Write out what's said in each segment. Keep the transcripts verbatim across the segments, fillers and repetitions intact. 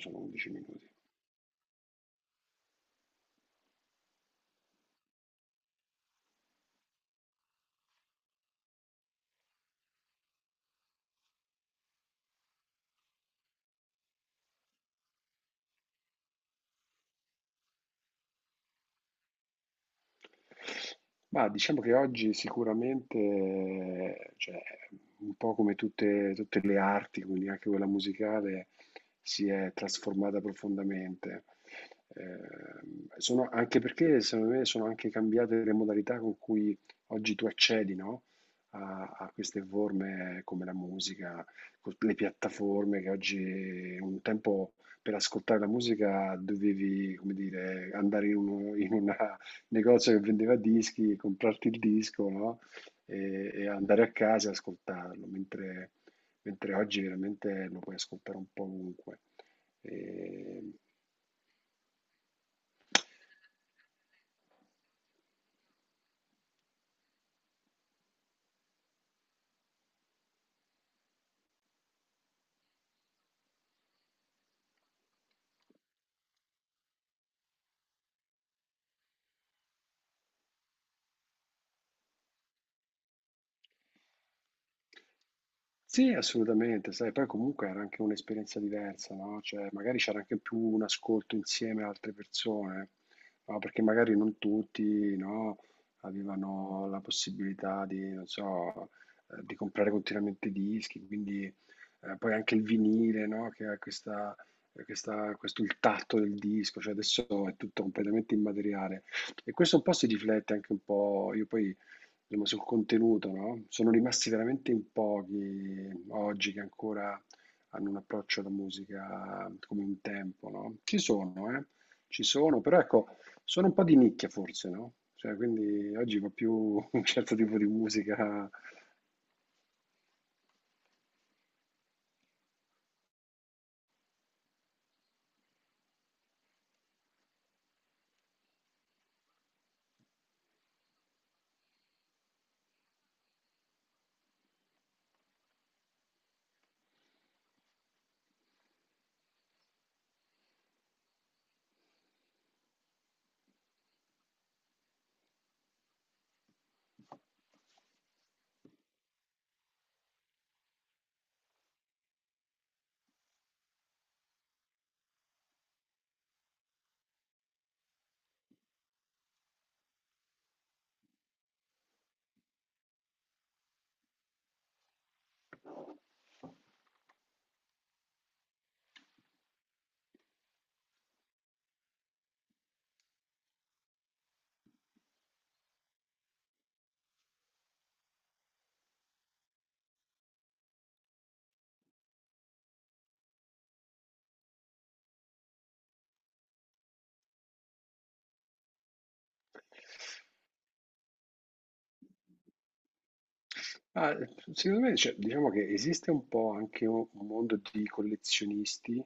Sono undici minuti. Ma diciamo che oggi sicuramente, cioè, un po' come tutte, tutte le arti, quindi anche quella musicale, si è trasformata profondamente. Ehm, sono- anche perché, secondo me, sono anche cambiate le modalità con cui oggi tu accedi, no? A, a queste forme come la musica, co- le piattaforme che oggi un tempo per ascoltare la musica dovevi, come dire, andare in, uno- in una negozio che vendeva dischi, comprarti il disco, no? E, e andare a casa e ascoltarlo, mentre, mentre oggi veramente lo puoi ascoltare un po' ovunque. E, Sì, assolutamente, sai, poi comunque era anche un'esperienza diversa, no, cioè magari c'era anche più un ascolto insieme a altre persone, no, perché magari non tutti, no, avevano la possibilità di, non so, eh, di comprare continuamente dischi, quindi eh, poi anche il vinile, no, che ha questa, questa, questo il tatto del disco, cioè adesso è tutto completamente immateriale. E questo un po' si riflette anche un po', io poi insomma, sul contenuto, no? Sono rimasti veramente in pochi oggi che ancora hanno un approccio alla musica come un tempo, no? Ci sono, eh? Ci sono, però ecco, sono un po' di nicchia forse, no? Cioè, quindi oggi va più un certo tipo di musica. Ah, ehm, Secondo me, cioè, diciamo che esiste un po' anche un un mondo di collezionisti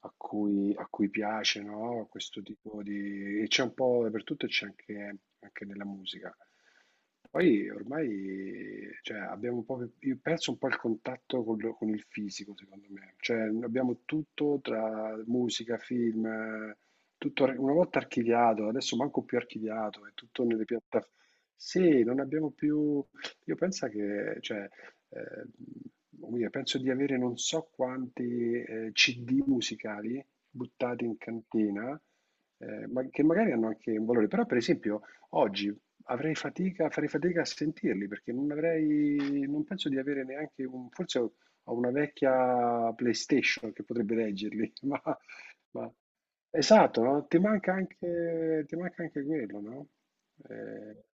a cui, a cui piace, no? Questo tipo di e c'è un po' dappertutto e c'è anche, anche nella musica. Poi ormai, cioè, abbiamo un po', pe- io perso un po' il contatto con, lo- con il fisico, secondo me. Cioè, abbiamo tutto tra musica, film, eh, tutto ar- una volta archiviato, adesso manco più archiviato, è tutto nelle piattaforme. Sì, non abbiamo più Io pensa che, cioè, ehm, come dire, penso di avere non so quanti eh, C D musicali buttati in cantina, eh, ma che magari hanno anche un valore, però per esempio oggi avrei fatica, farei fatica a sentirli perché non avrei, non penso di avere neanche un, forse ho ho una vecchia PlayStation che potrebbe leggerli, ma, ma- esatto, no? Ti manca anche, ti manca anche quello, no? Eh,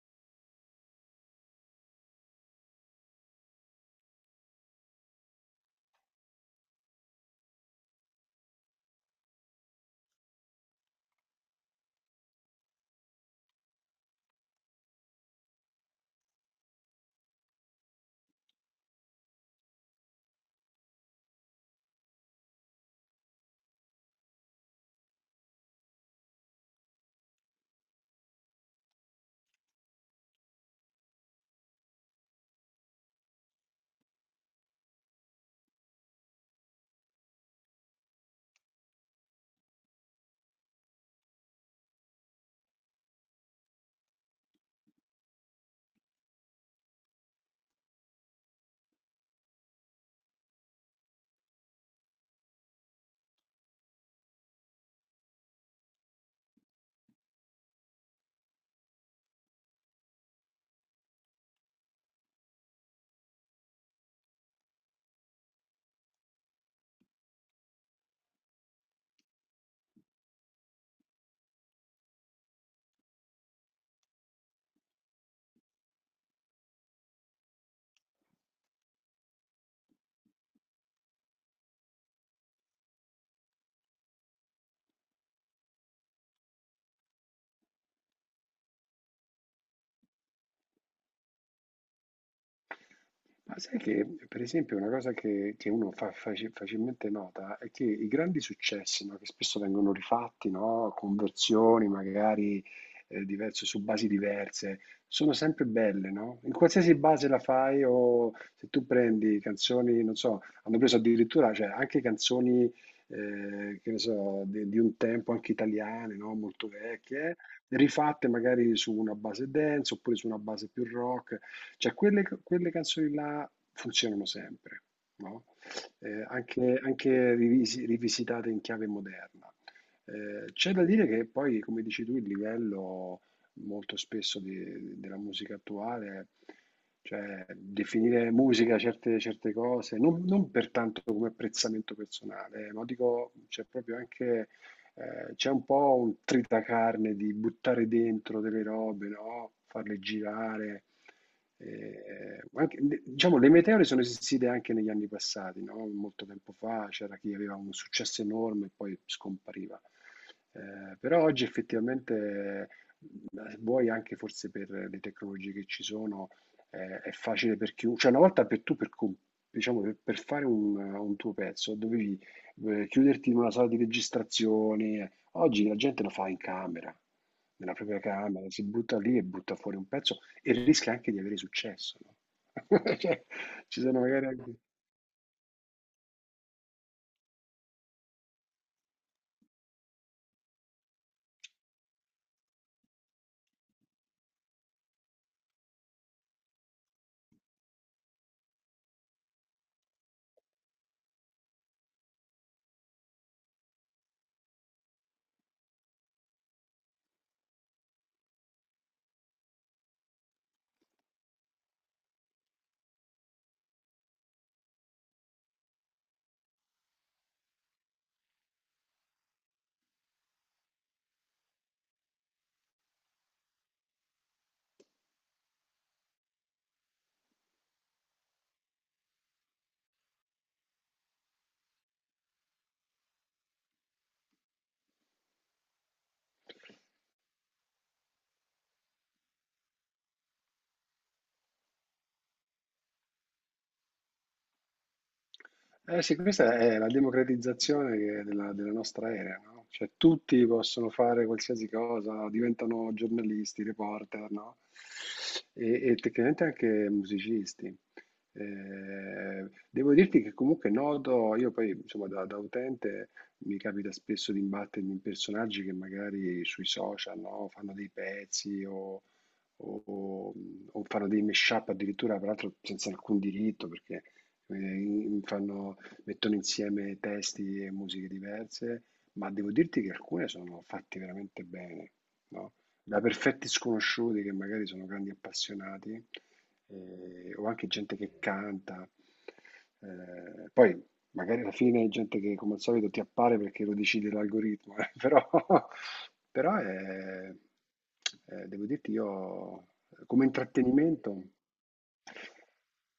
Ma sai che, per esempio, una cosa che, che uno fa faci- facilmente nota è che i grandi successi, no, che spesso vengono rifatti, no, con versioni magari eh, diverse, su basi diverse, sono sempre belle, no? In qualsiasi base la fai o se tu prendi canzoni, non so, hanno preso addirittura, cioè, anche canzoni, eh, che ne so, di, di un tempo, anche italiane, no, molto vecchie, rifatte magari su una base dance oppure su una base più rock. Cioè quelle, quelle canzoni là funzionano sempre, no? Eh, anche, anche rivisi- rivisitate in chiave moderna. Eh, c'è da dire che poi, come dici tu, il livello molto spesso di- della musica attuale, cioè definire musica certe, certe cose, non, non per tanto come apprezzamento personale, eh, ma dico, c'è proprio anche eh, c'è un po' un tritacarne di buttare dentro delle robe, no? Farle girare. Eh, anche- diciamo, le meteore sono esistite anche negli anni passati, no? Molto tempo fa c'era chi aveva un successo enorme e poi scompariva. Eh, però oggi effettivamente, eh, vuoi anche forse per le tecnologie che ci sono, eh, è facile per chiunque. Cioè, una volta per tu, per, com- diciamo, per, per fare un, un tuo pezzo, dovevi eh, chiuderti in una sala di registrazione. Oggi la gente lo fa in camera, nella propria camera, si butta lì e butta fuori un pezzo e rischia anche di avere successo, no? Cioè, ci sono magari anche Eh sì, questa è la democratizzazione che- della, della nostra era, no? Cioè tutti possono fare qualsiasi cosa, diventano giornalisti, reporter, no? E, e tecnicamente anche musicisti. Eh, devo dirti che comunque noto, io poi insomma da, da utente mi capita spesso di imbattermi in personaggi che magari sui social, no? Fanno dei pezzi o, o- o- o fanno dei mashup addirittura, peraltro senza alcun diritto, perché eh, fanno- mettono insieme testi e musiche diverse, ma devo dirti che alcune sono fatte veramente bene, no? Da perfetti sconosciuti che magari sono grandi appassionati, eh, o anche gente che canta. Eh, poi Magari alla fine è gente che come al solito ti appare perché lo decide l'algoritmo, eh, però, però è, eh, devo dirti io, come intrattenimento,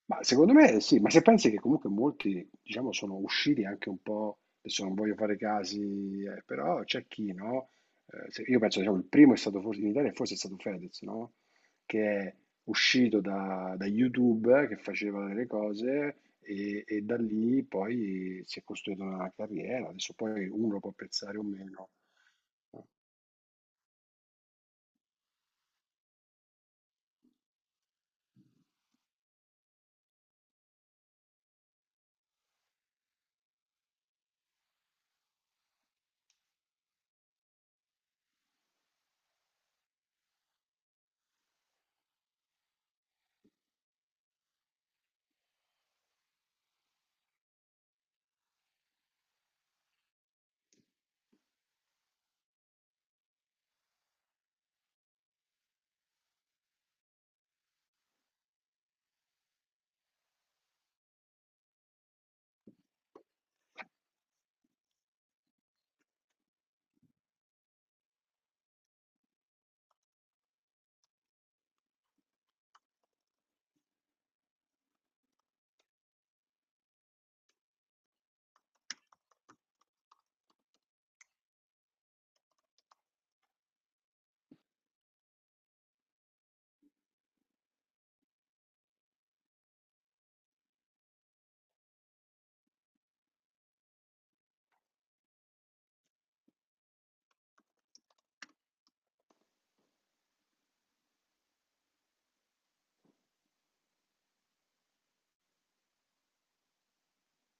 ma secondo me sì, ma se pensi che comunque molti, diciamo, sono usciti anche un po', adesso non voglio fare casi, eh, però c'è chi, no? Eh, se- io penso, diciamo, il primo è stato forse in Italia, forse è stato Fedez, no? Che è uscito da, da YouTube, che faceva delle cose e, e da lì poi si è costruita una carriera. Adesso poi uno può apprezzare o meno.